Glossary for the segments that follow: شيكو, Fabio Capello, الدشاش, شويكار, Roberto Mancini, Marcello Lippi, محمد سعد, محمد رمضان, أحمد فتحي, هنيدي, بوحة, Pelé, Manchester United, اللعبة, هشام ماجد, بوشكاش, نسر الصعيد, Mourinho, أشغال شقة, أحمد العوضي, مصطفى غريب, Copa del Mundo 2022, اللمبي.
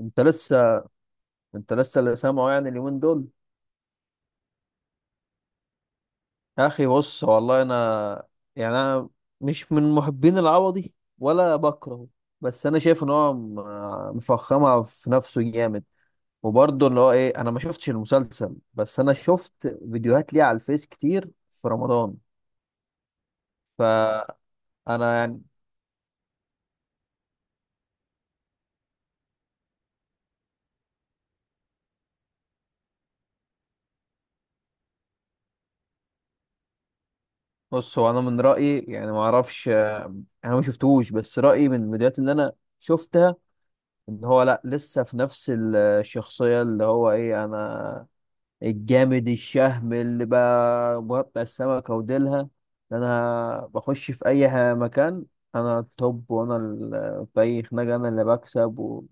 انت لسه انت لسه اللي سامعه يعني اليومين دول. يا اخي بص، والله انا مش من محبين العوضي ولا بكرهه، بس انا شايف ان هو مفخمها في نفسه جامد. وبرضه اللي هو ايه، انا ما شفتش المسلسل، بس انا شفت فيديوهات ليه على الفيس كتير في رمضان. فانا يعني بص هو انا من رايي يعني، ما اعرفش، انا ما شفتهوش، بس رايي من الفيديوهات اللي انا شفتها ان هو لا، لسه في نفس الشخصيه اللي هو ايه، انا الجامد الشهم اللي بقى مقطع السمكة وديلها، ده انا بخش في اي مكان، انا التوب، وانا في اي خناقة انا اللي بكسب،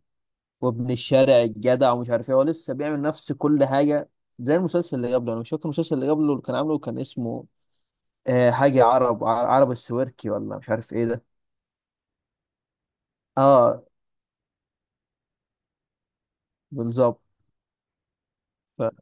وابن الشارع الجدع، ومش عارف ايه. هو لسه بيعمل نفس كل حاجة زي المسلسل اللي قبله. انا مش فاكر المسلسل اللي قبله اللي كان عامله، كان اسمه آه، حاجة عرب، عرب السويركي، ولا مش عارف ايه ده. اه، بالظبط. ف-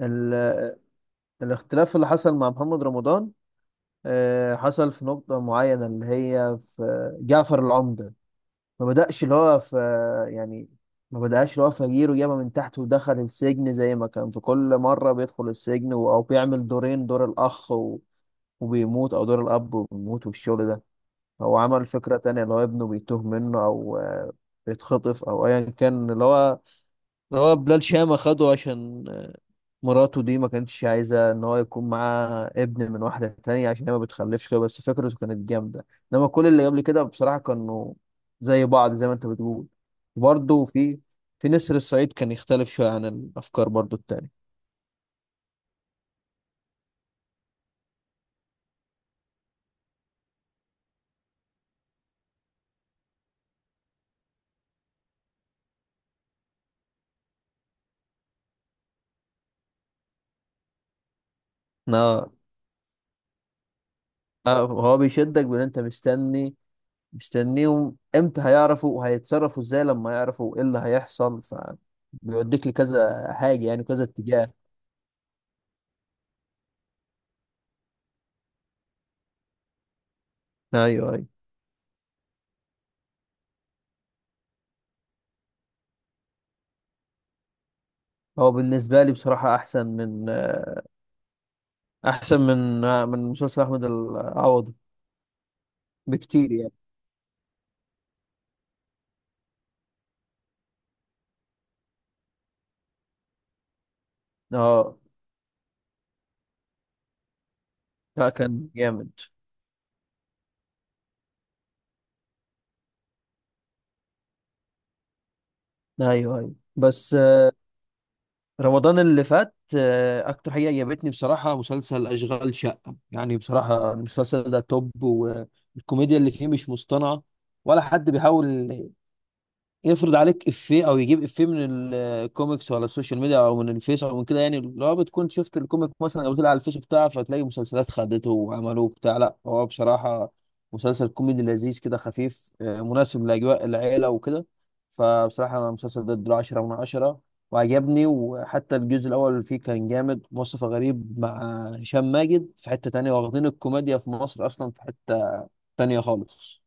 ال... الاختلاف اللي حصل مع محمد رمضان حصل في نقطة معينة، اللي هي في جعفر العمدة. ما بدأش اللي هو في يعني ما بدأش اللي هو فجير وجابه من تحت ودخل السجن زي ما كان في كل مرة بيدخل السجن أو بيعمل دورين، دور الأخ وبيموت، أو دور الأب وبيموت، والشغل ده. هو عمل فكرة تانية، اللي هو ابنه بيتوه منه أو بيتخطف أو أيا كان. اللي هو هو بلال شامة خده عشان مراته دي ما كانتش عايزة إن هو يكون معاه ابن من واحدة تانية، عشان هي ما بتخلفش كده. بس فكرته كانت جامدة. إنما كل اللي قبل كده بصراحة كانوا زي بعض زي ما أنت بتقول. برضه في نسر الصعيد كان يختلف شوية عن الأفكار برضه التانية. نا- آه، هو بيشدك بإن أنت مستنيهم إمتى هيعرفوا وهيتصرفوا إزاي لما يعرفوا إيه اللي هيحصل، فبيوديك لكذا حاجة، يعني كذا اتجاه. أيوه، أيوه. هو بالنسبة لي بصراحة أحسن من، أحسن من من مسلسل أحمد العوضي بكتير يعني. اه، لا، كان جامد. أيوه، أيوه، بس آه، رمضان اللي فات آه، أكتر حاجة عجبتني بصراحة مسلسل أشغال شقة. يعني بصراحة المسلسل ده توب، والكوميديا اللي فيه مش مصطنعة، ولا حد بيحاول يفرض عليك افيه او يجيب افيه من الكوميكس ولا السوشيال ميديا او من الفيس او من كده. يعني لو بتكون شفت الكوميك مثلا او طلع على الفيس بتاعه، فتلاقي مسلسلات خدته وعملوه بتاع. لا هو بصراحة مسلسل كوميدي لذيذ كده، خفيف، آه، مناسب لأجواء العيلة وكده. فبصراحة أنا المسلسل ده اديله 10 من 10، وعجبني. وحتى الجزء الأول فيه كان جامد، مصطفى غريب مع هشام ماجد في حتة تانية، واخدين الكوميديا في مصر أصلا في حتة تانية خالص.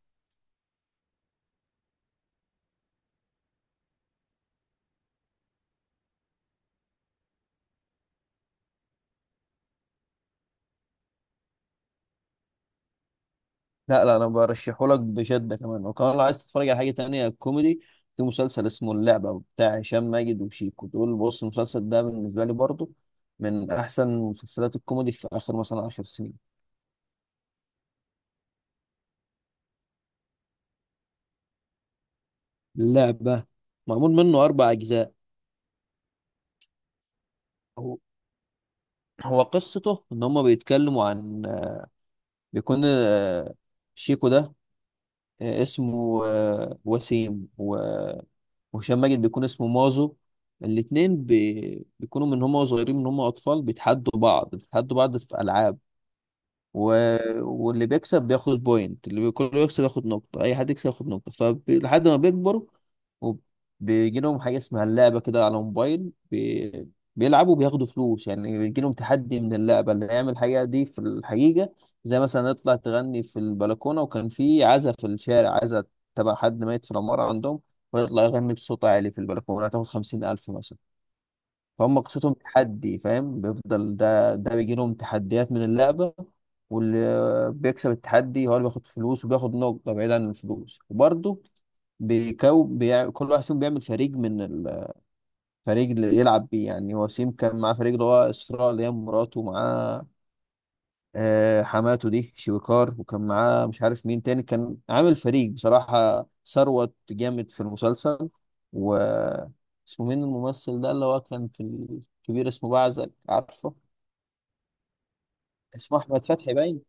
لا لا، انا برشحه لك بشده. كمان وكمان لو عايز تتفرج على حاجه تانية كوميدي، في مسلسل اسمه اللعبه بتاع هشام ماجد وشيكو. دول بص، المسلسل ده بالنسبه لي برضو من احسن مسلسلات الكوميدي في اخر مثلا 10 سنين. اللعبه معمول منه اربع اجزاء. هو هو قصته ان هم بيتكلموا عن، بيكون آه، شيكو ده آه، اسمه آه، وسيم، وهشام ماجد بيكون اسمه مازو. الاتنين بيكونوا من هم صغيرين، من هم اطفال، بيتحدوا بعض، بيتحدوا بعض في العاب. و... واللي بيكسب بياخد بوينت، اللي كله بيكسب ياخد نقطة، أي حد يكسب ياخد نقطة. فلحد ما بيكبروا، وبيجي لهم حاجة اسمها اللعبة كده على موبايل، بيلعبوا بياخدوا فلوس. يعني بيجي لهم تحدي من اللعبة، اللي يعمل الحاجة دي في الحقيقة، زي مثلا يطلع تغني في البلكونة، وكان في عزا في الشارع، عزا تبع حد ميت في العمارة عندهم، ويطلع يغني بصوت عالي في البلكونة، هتاخد خمسين ألف مثلا. فهم قصتهم تحدي، فاهم؟ بيفضل ده بيجي لهم تحديات من اللعبة، واللي بيكسب التحدي هو اللي بياخد فلوس وبياخد نقطة، بعيد عن الفلوس. وبرضه كل واحد فيهم بيعمل فريق، من الفريق اللي يلعب بيه. يعني وسيم كان معاه فريق، اللي هو إسراء اللي هي مراته، ومعاه آه، حماته دي شويكار، وكان معاه مش عارف مين تاني. كان عامل فريق، بصراحة ثروت جامد في المسلسل، و اسمه مين الممثل ده، اللي هو كان في الكبير، اسمه بعزك عارفه. اسمه أحمد فتحي باين.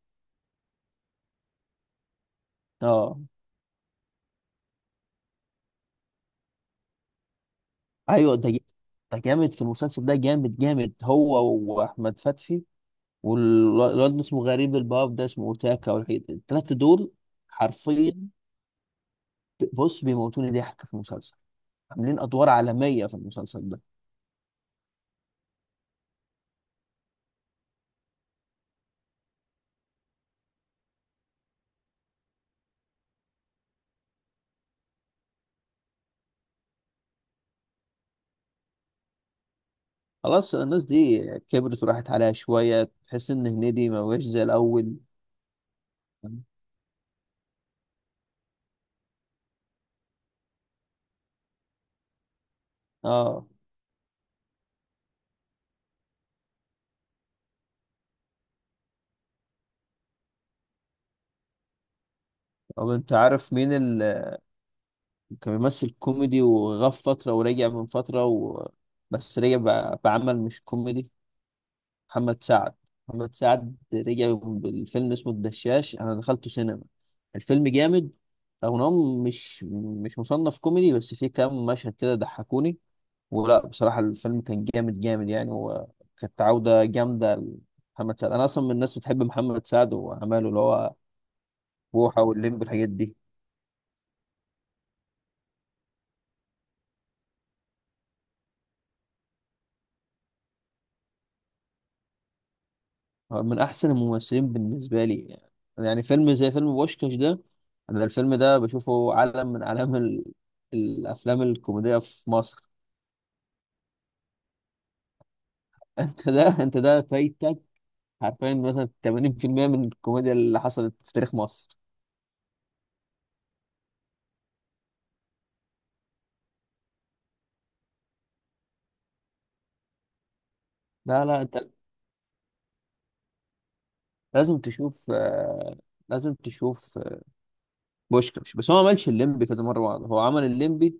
اه. ايوه ده جامد في المسلسل، ده جامد جامد هو وأحمد فتحي، والواد اسمه غريب الباب ده اسمه تاكا والحاجات دي. التلاتة دول حرفيا، بص، بيموتوني ضحك في المسلسل، عاملين أدوار عالمية في المسلسل. خلاص، الناس دي كبرت وراحت عليها شوية، تحس إن هنيدي ما بقاش زي الأول. اه. طب أنت عارف مين اللي كان بيمثل كوميدي وغاب فترة ورجع من فترة بس رجع بعمل مش كوميدي؟ محمد سعد. محمد سعد رجع بالفيلم اسمه الدشاش، أنا دخلته سينما، الفيلم جامد، رغم إن هو مش مصنف كوميدي، بس فيه كام مشهد كده ضحكوني. ولا بصراحة الفيلم كان جامد جامد يعني، وكانت عودة جامدة لمحمد سعد. أنا أصلا من الناس بتحب محمد سعد وأعماله، اللي هو بوحة واللمبي الحاجات دي. هو من أحسن الممثلين بالنسبة لي. يعني فيلم زي فيلم بوشكاش ده، أنا الفيلم ده بشوفه علم من أعلام الأفلام الكوميدية في مصر. أنت ده، أنت ده فايتك حرفيا مثلا 80% من الكوميديا اللي حصلت في تاريخ مصر. لا لا، أنت لازم تشوف آه، لازم تشوف بوشكاش. بس هو ما عملش الليمبي كذا مره بعض، هو عمل الليمبي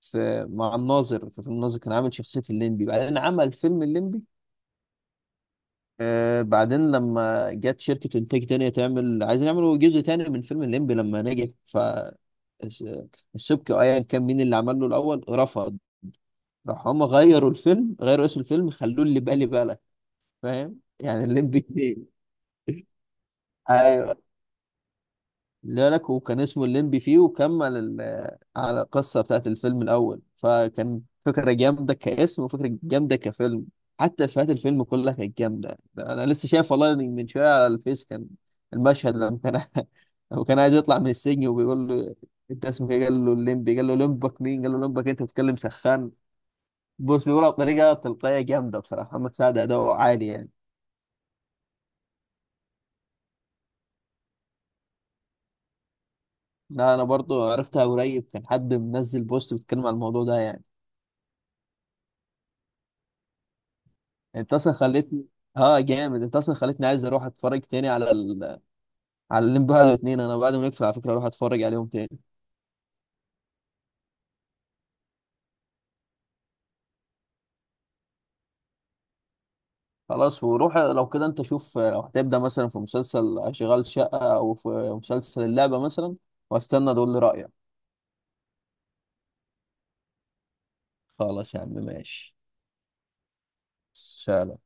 في مع الناظر، في فيلم الناظر كان عامل شخصيه الليمبي، بعدين عمل فيلم الليمبي. آه، بعدين لما جت شركه انتاج تانية تعمل، عايزين يعملوا جزء تاني من فيلم الليمبي لما نجح، ف الس- السبكي، ايا كان مين اللي عمل له الاول، رفض. راح هم غيروا الفيلم، غيروا اسم الفيلم، خلوه اللي بالي بالك، فاهم يعني؟ الليمبي 2. لا لك، وكان اسمه الليمبي فيه، وكمل على القصة بتاعت الفيلم الأول، فكان فكرة جامدة كاسم وفكرة جامدة كفيلم. حتى إفيهات الفيلم كلها كانت جامدة. أنا لسه شايف والله من شوية على الفيس كان المشهد لما كان لما كان عايز يطلع من السجن، وبيقول له: أنت اسمك إيه؟ قال له: الليمبي. قال له: لمبك مين؟ قال له: لمبك أنت، بتتكلم سخان؟ بص، بيقولها بطريقة تلقائية جامدة، بصراحة محمد سعد أداؤه عالي يعني. لا، أنا برضو عرفتها قريب، كان حد منزل بوست بيتكلم عن الموضوع ده يعني. انت اصلا خليتني اه جامد، انت اصلا خليتني عايز اروح اتفرج تاني على على الليمبي واحد واتنين، انا بعد ما نقفل على فكره اروح اتفرج عليهم تاني. خلاص. وروح لو كده، انت شوف لو هتبدا مثلا في مسلسل شغال شقه او في مسلسل اللعبه مثلا، واستنى تقول لي رايك. خلاص يا عم، ماشي. سلام.